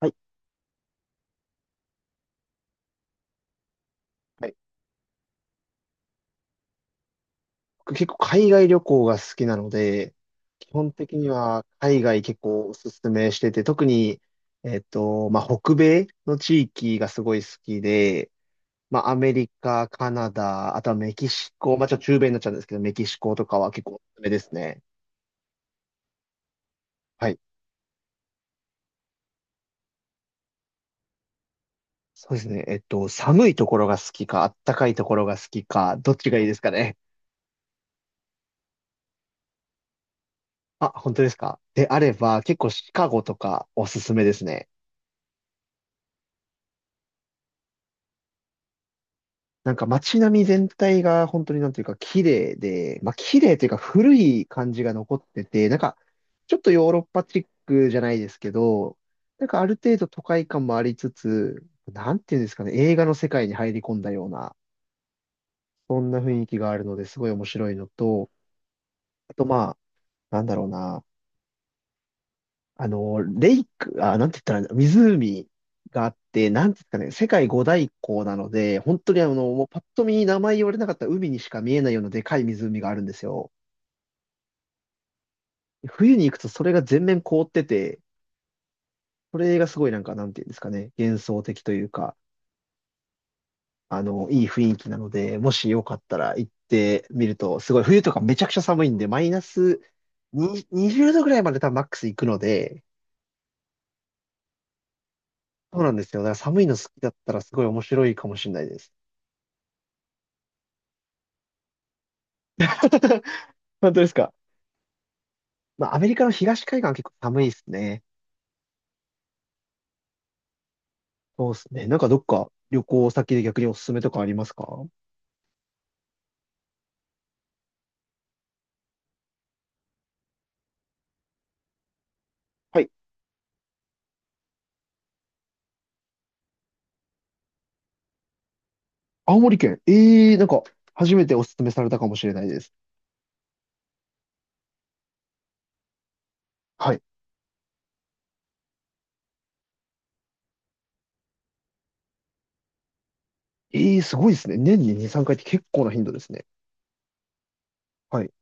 はい。はい。僕結構海外旅行が好きなので、基本的には海外結構おすすめしてて、特に、北米の地域がすごい好きで、まあ、アメリカ、カナダ、あとはメキシコ、まあ、ちょっと中米になっちゃうんですけど、メキシコとかは結構おすすめですね。はい。そうですね。寒いところが好きか、あったかいところが好きか、どっちがいいですかね。あ、本当ですか。であれば、結構シカゴとかおすすめですね。なんか街並み全体が本当になんていうか綺麗で、まあ綺麗というか古い感じが残ってて、なんかちょっとヨーロッパチックじゃないですけど、なんかある程度都会感もありつつ、なんていうんですかね、映画の世界に入り込んだような、そんな雰囲気があるのですごい面白いのと、あとまあ、なんだろうな、あの、レイク、あ、なんて言ったら、湖があって、なんていうんですかね、世界五大湖なので、本当にあの、もうパッと見名前言われなかった海にしか見えないようなでかい湖があるんですよ。冬に行くとそれが全面凍ってて、それがすごいなんか、なんていうんですかね、幻想的というか、あの、いい雰囲気なので、もしよかったら行ってみると、すごい、冬とかめちゃくちゃ寒いんで、マイナスに20度ぐらいまで多分マックス行くので、そうなんですよ。だから寒いの好きだったらすごい面白いかもしれないです。本当ですか。まあ、アメリカの東海岸は結構寒いですね。そうですね。なんかどっか旅行先で逆におすすめとかありますか？はい。青森県。ええ、なんか初めておすすめされたかもしれないです。はい。ええ、すごいですね。年に2、3回って結構な頻度ですね。はい。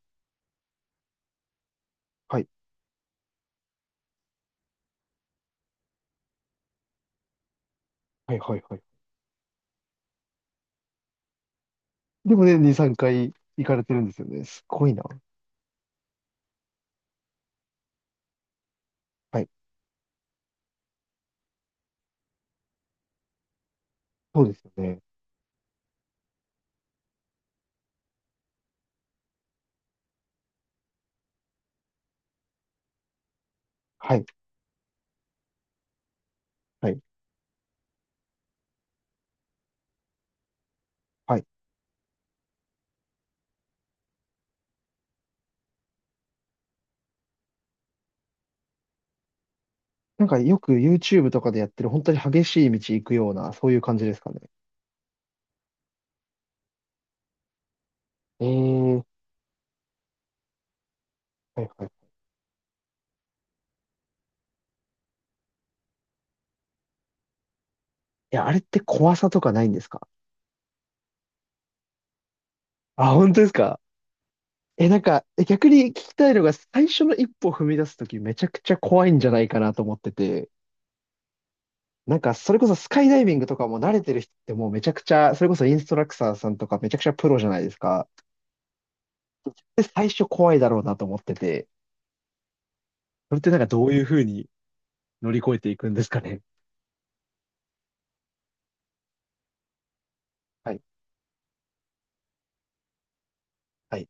はい。はいはいはい。でも年に3回行かれてるんですよね。すごいな。はい。そうですよね。はい。はい。はい。なんかよく YouTube とかでやってる本当に激しい道行くような、そういう感じですかね。ええ。はいはい。いや、あれって怖さとかないんですか？あ、本当ですか？え、なんか、え、逆に聞きたいのが、最初の一歩踏み出すときめちゃくちゃ怖いんじゃないかなと思ってて、なんか、それこそスカイダイビングとかも慣れてる人ってもうめちゃくちゃ、それこそインストラクターさんとかめちゃくちゃプロじゃないですか。で、最初怖いだろうなと思ってて、それってなんかどういうふうに乗り越えていくんですかね。はい、はい。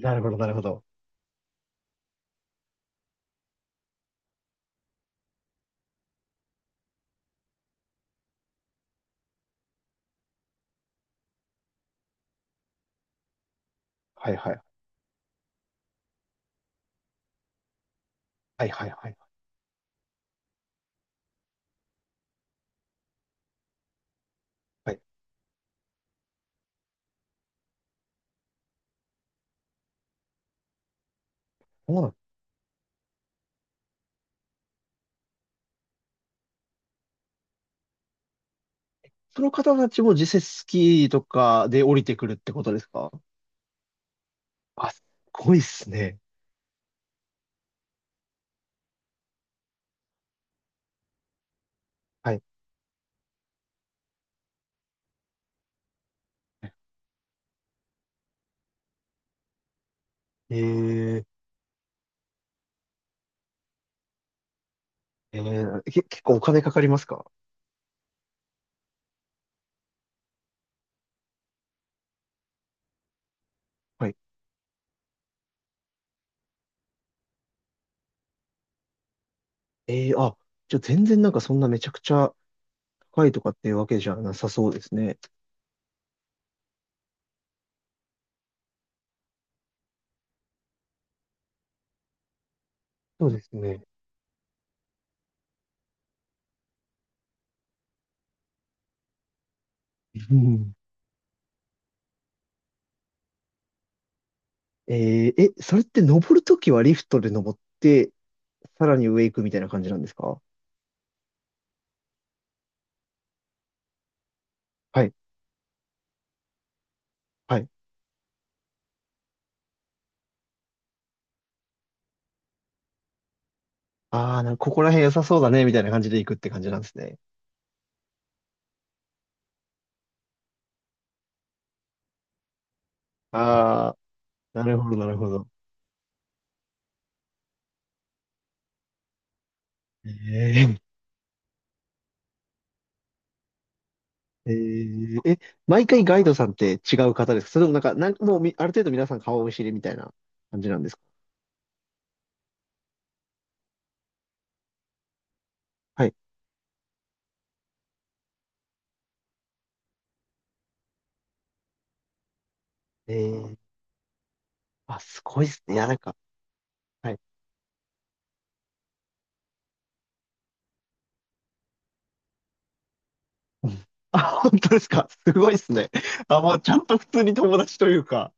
なるほど、なるほど。はい、はい、はい、はい、はい。はい。そうなの？その方たちも実際スキーとかで降りてくるってことですか？あ、すごいっすね。はい。えー、えー、け、結構お金かかりますか？はい。えー、あ、じゃあ全然なんかそんなめちゃくちゃ高いとかっていうわけじゃなさそうですね。そうですね。うん。えー、え、それって登るときはリフトで登って、さらに上行くみたいな感じなんですか？はい。はい。ああ、なんかここら辺良さそうだね、みたいな感じで行くって感じなんですね。ああ、なるほど、なるほど。ええ、えー、え、毎回ガイドさんって違う方ですか？それともなんか、なんもうみ、ある程度皆さん顔見知りみたいな感じなんですか？はい。えー、あ、すごいっすね。いや、なんか、はい。うん。あ、本当ですか？すごいっすね。あ、もうちゃんと普通に友達というか。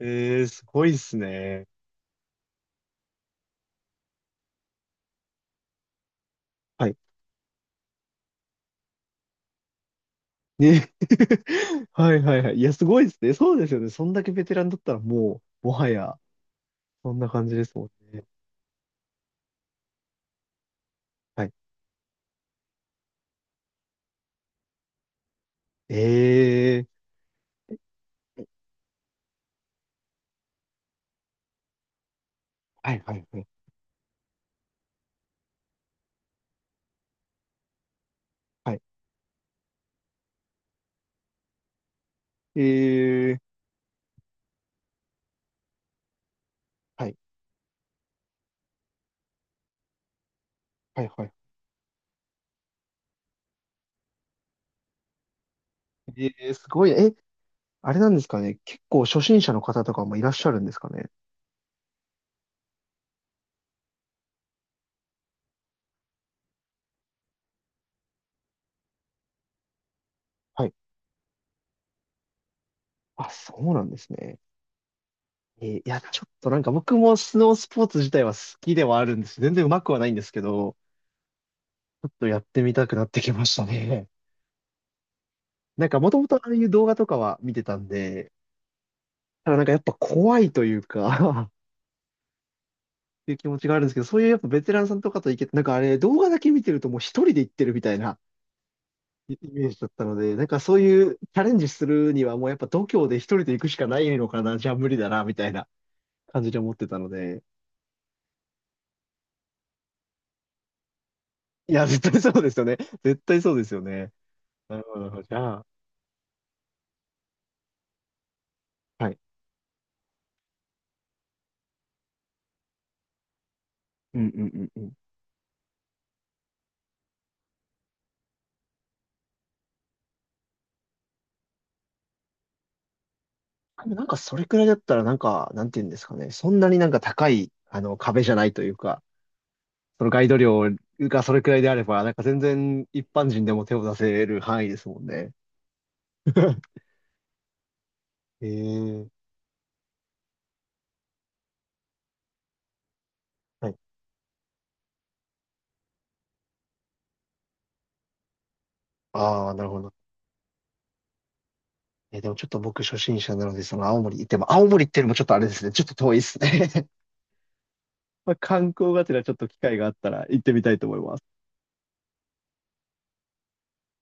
えー、すごいっすね。はい。ね、はいはいはい。いや、すごいっすね。そうですよね。そんだけベテランだったらもう、もはや、そんな感じですもんね。はい。えー、はいはいはい。はい。えー、はい。はいはい。ええ、すごいね。え、あれなんですかね。結構初心者の方とかもいらっしゃるんですかね。はい。あ、そうなんですね。えー、いや、ちょっとなんか僕もスノースポーツ自体は好きではあるんです。全然うまくはないんですけど、ちょっとやってみたくなってきましたね。なんかもともとああいう動画とかは見てたんで、ただなんかやっぱ怖いというか っていう気持ちがあるんですけど、そういうやっぱベテランさんとかと行けて、なんかあれ動画だけ見てるともう一人で行ってるみたいなイメージだったので、なんかそういうチャレンジするにはもうやっぱ度胸で一人で行くしかないのかな、じゃあ無理だな、みたいな感じで思ってたので。いや、絶対そうですよね。絶対そうですよね。なるほど、なるほど。じゃあ、はい。うんうんうんうん。でもなんかそれくらいだったらなんか、なんて言うんですかね。そんなになんか高い、あの、壁じゃないというか、そのガイド料がそれくらいであれば、なんか全然一般人でも手を出せる範囲ですもんね。ええ。はい。ああ、なるほど。え、でもちょっと僕初心者なので、その青森行っても、青森っていうのもちょっとあれですね。ちょっと遠いですね。まあ、観光がてらちょっと機会があったら行ってみたいと思います。